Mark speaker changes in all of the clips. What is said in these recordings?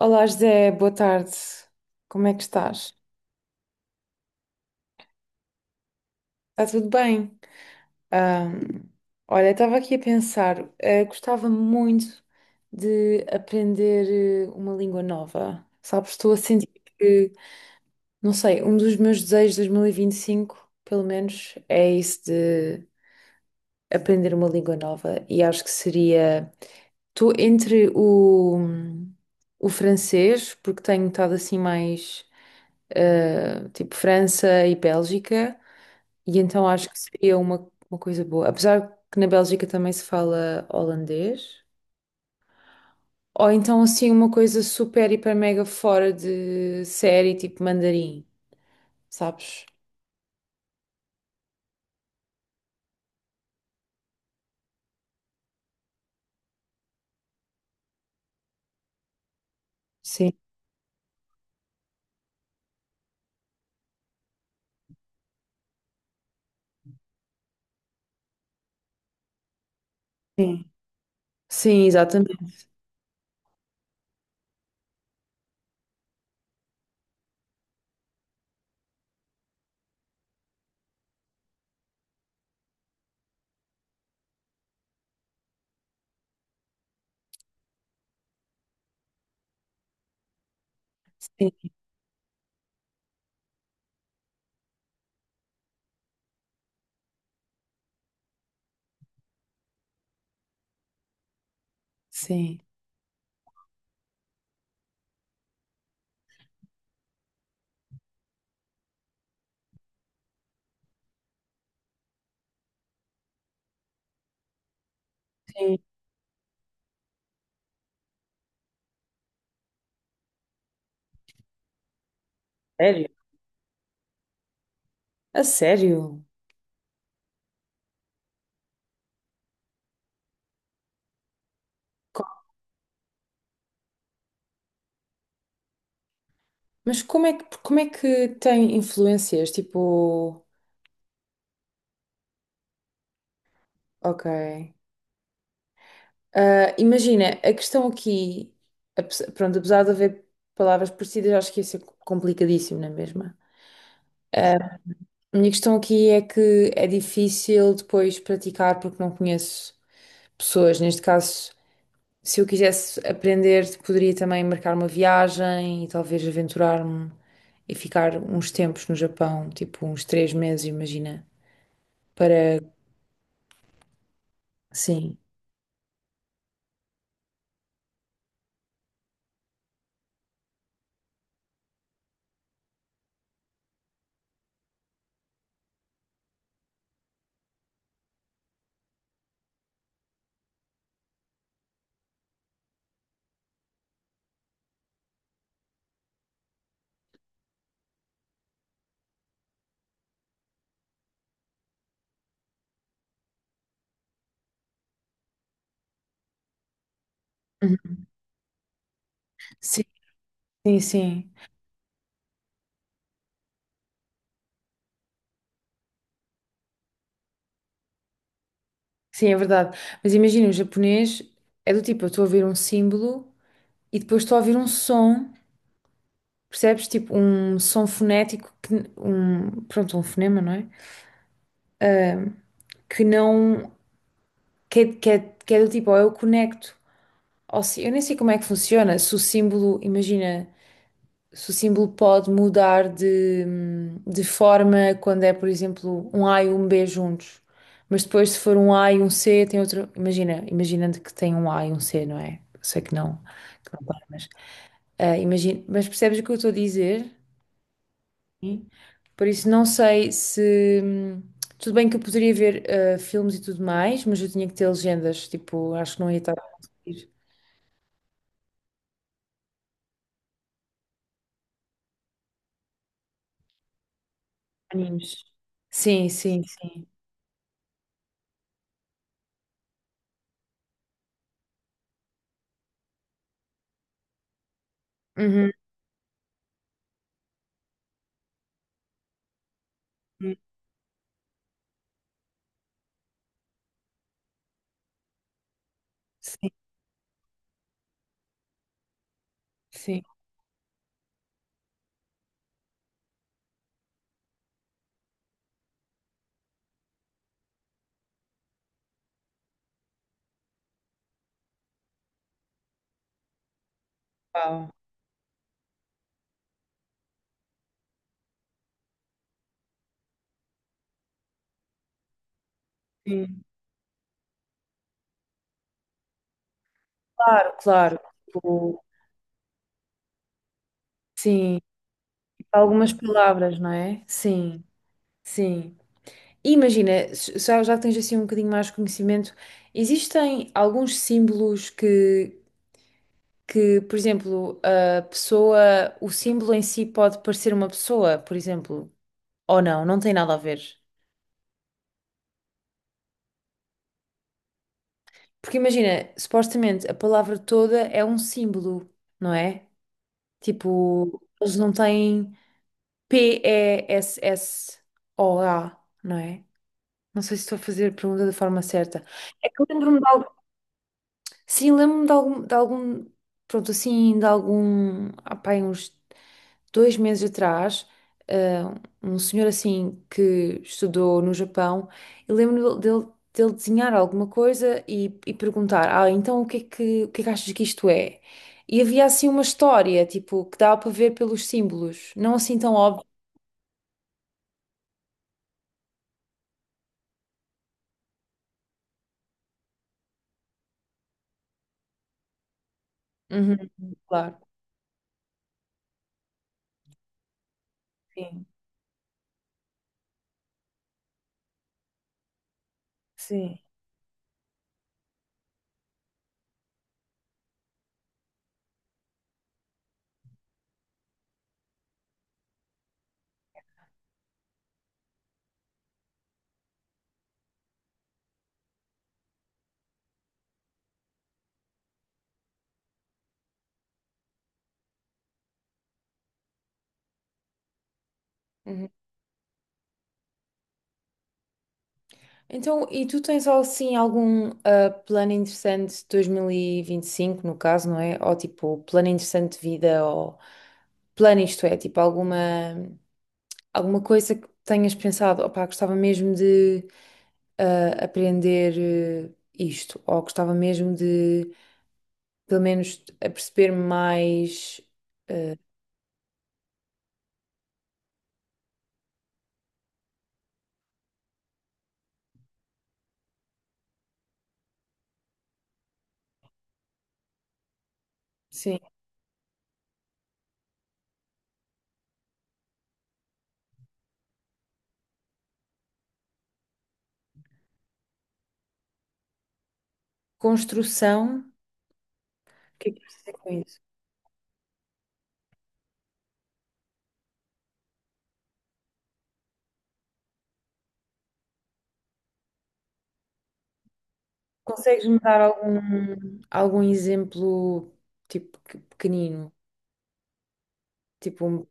Speaker 1: Olá, José, boa tarde. Como é que estás? Está tudo bem? Ahm, olha, estava aqui a pensar, gostava muito de aprender uma língua nova. Sabes, estou a sentir que, não sei, um dos meus desejos de 2025, pelo menos, é isso de aprender uma língua nova. E acho que seria. Estou entre o francês, porque tenho estado assim mais tipo França e Bélgica, e então acho que seria uma coisa boa. Apesar que na Bélgica também se fala holandês, ou então assim uma coisa super, hiper, mega fora de série, tipo mandarim, sabes? Sim. Sim, sim, exatamente. Sim, sim. Sim. Sério? A sério? Mas como é que tem influências? Tipo, ok. Ah, imagina, a questão aqui, pronto, apesar de haver palavras parecidas, acho que isso é complicadíssimo, não é mesmo? Ah, a minha questão aqui é que é difícil depois praticar porque não conheço pessoas. Neste caso, se eu quisesse aprender, poderia também marcar uma viagem e talvez aventurar-me e ficar uns tempos no Japão, tipo uns 3 meses, imagina, para, sim. Sim, sim, sim. Sim, é verdade. Mas imagina, o japonês é do tipo, eu estou a ouvir um símbolo e depois estou a ouvir um som, percebes? Tipo, um som fonético, que, um, pronto, um fonema, não é? Que não, que, que é do tipo, ou eu conecto, ou se, eu nem sei como é que funciona, se o símbolo, imagina. Se o símbolo pode mudar de forma quando é, por exemplo, um A e um B juntos. Mas depois, se for um A e um C, tem outro. Imagina, imaginando que tem um A e um C, não é? Sei que não para, mas. Ah, imagina, mas percebes o que eu estou a dizer? Sim. Por isso, não sei se. Tudo bem que eu poderia ver filmes e tudo mais, mas eu tinha que ter legendas. Tipo, acho que não ia estar a conseguir. Animes. Sim, sim, sim. Uhum. Sim, sim. Uau. Sim. Claro, claro. Tipo, sim, algumas palavras, não é? Sim, sim. E imagina, já que tens assim um bocadinho mais de conhecimento, existem alguns símbolos que, por exemplo, a pessoa, o símbolo em si pode parecer uma pessoa, por exemplo, ou não, não tem nada a ver. Porque imagina, supostamente a palavra toda é um símbolo, não é? Tipo, eles não têm P-E-S-S-O-A, não é? Não sei se estou a fazer a pergunta da forma certa. É que lembro-me de algo. Sim, lembro-me de algum. Pronto, assim, de algum. Ah, pá, aí uns 2 meses atrás, ah, um senhor assim que estudou no Japão, e lembro-me dele, dele desenhar alguma coisa e perguntar: Ah, então o que é que, o que é que achas que isto é? E havia assim uma história, tipo, que dava para ver pelos símbolos. Não assim tão óbvio. Uhum, claro. Sim, sim. Então, e tu tens assim algum plano interessante de 2025, no caso, não é? Ou tipo, plano interessante de vida, ou plano isto é, tipo, alguma coisa que tenhas pensado, opá, gostava mesmo de aprender isto, ou gostava mesmo de, pelo menos, perceber mais, sim, construção. O que é que queres dizer com isso? Consegues-me dar algum exemplo, tipo, pequenino? Tipo, um.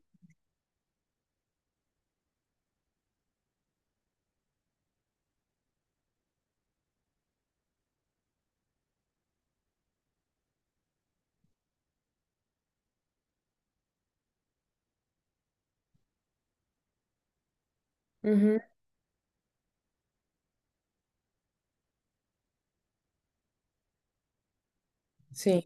Speaker 1: Uhum, sim.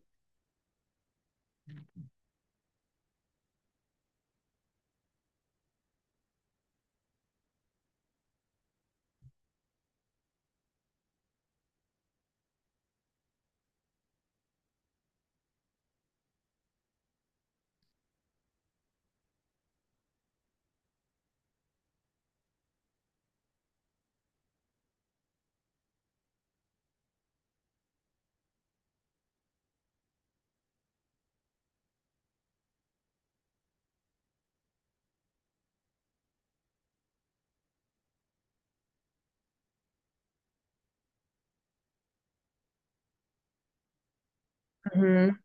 Speaker 1: Uhum.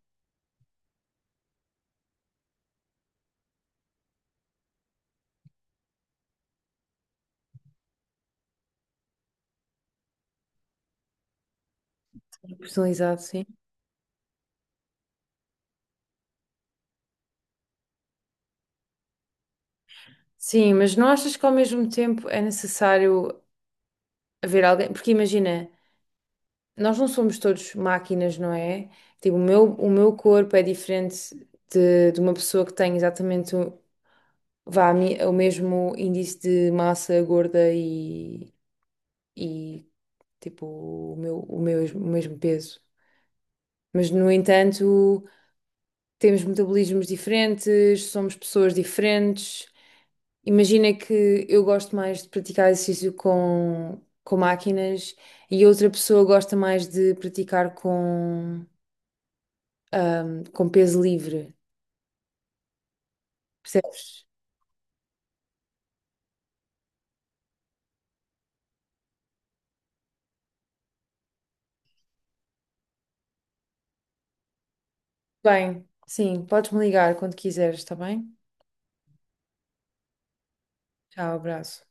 Speaker 1: Personalizado, sim. Sim, mas não achas que ao mesmo tempo é necessário haver alguém? Porque imagina, nós não somos todos máquinas, não é? Tipo, o meu, corpo é diferente de uma pessoa que tem exatamente o, vá, o mesmo índice de massa gorda e tipo, o mesmo peso. Mas, no entanto, temos metabolismos diferentes, somos pessoas diferentes. Imagina que eu gosto mais de praticar exercício com máquinas e outra pessoa gosta mais de praticar com, peso livre, percebes? Bem, sim, podes me ligar quando quiseres, está bem? Tchau, abraço.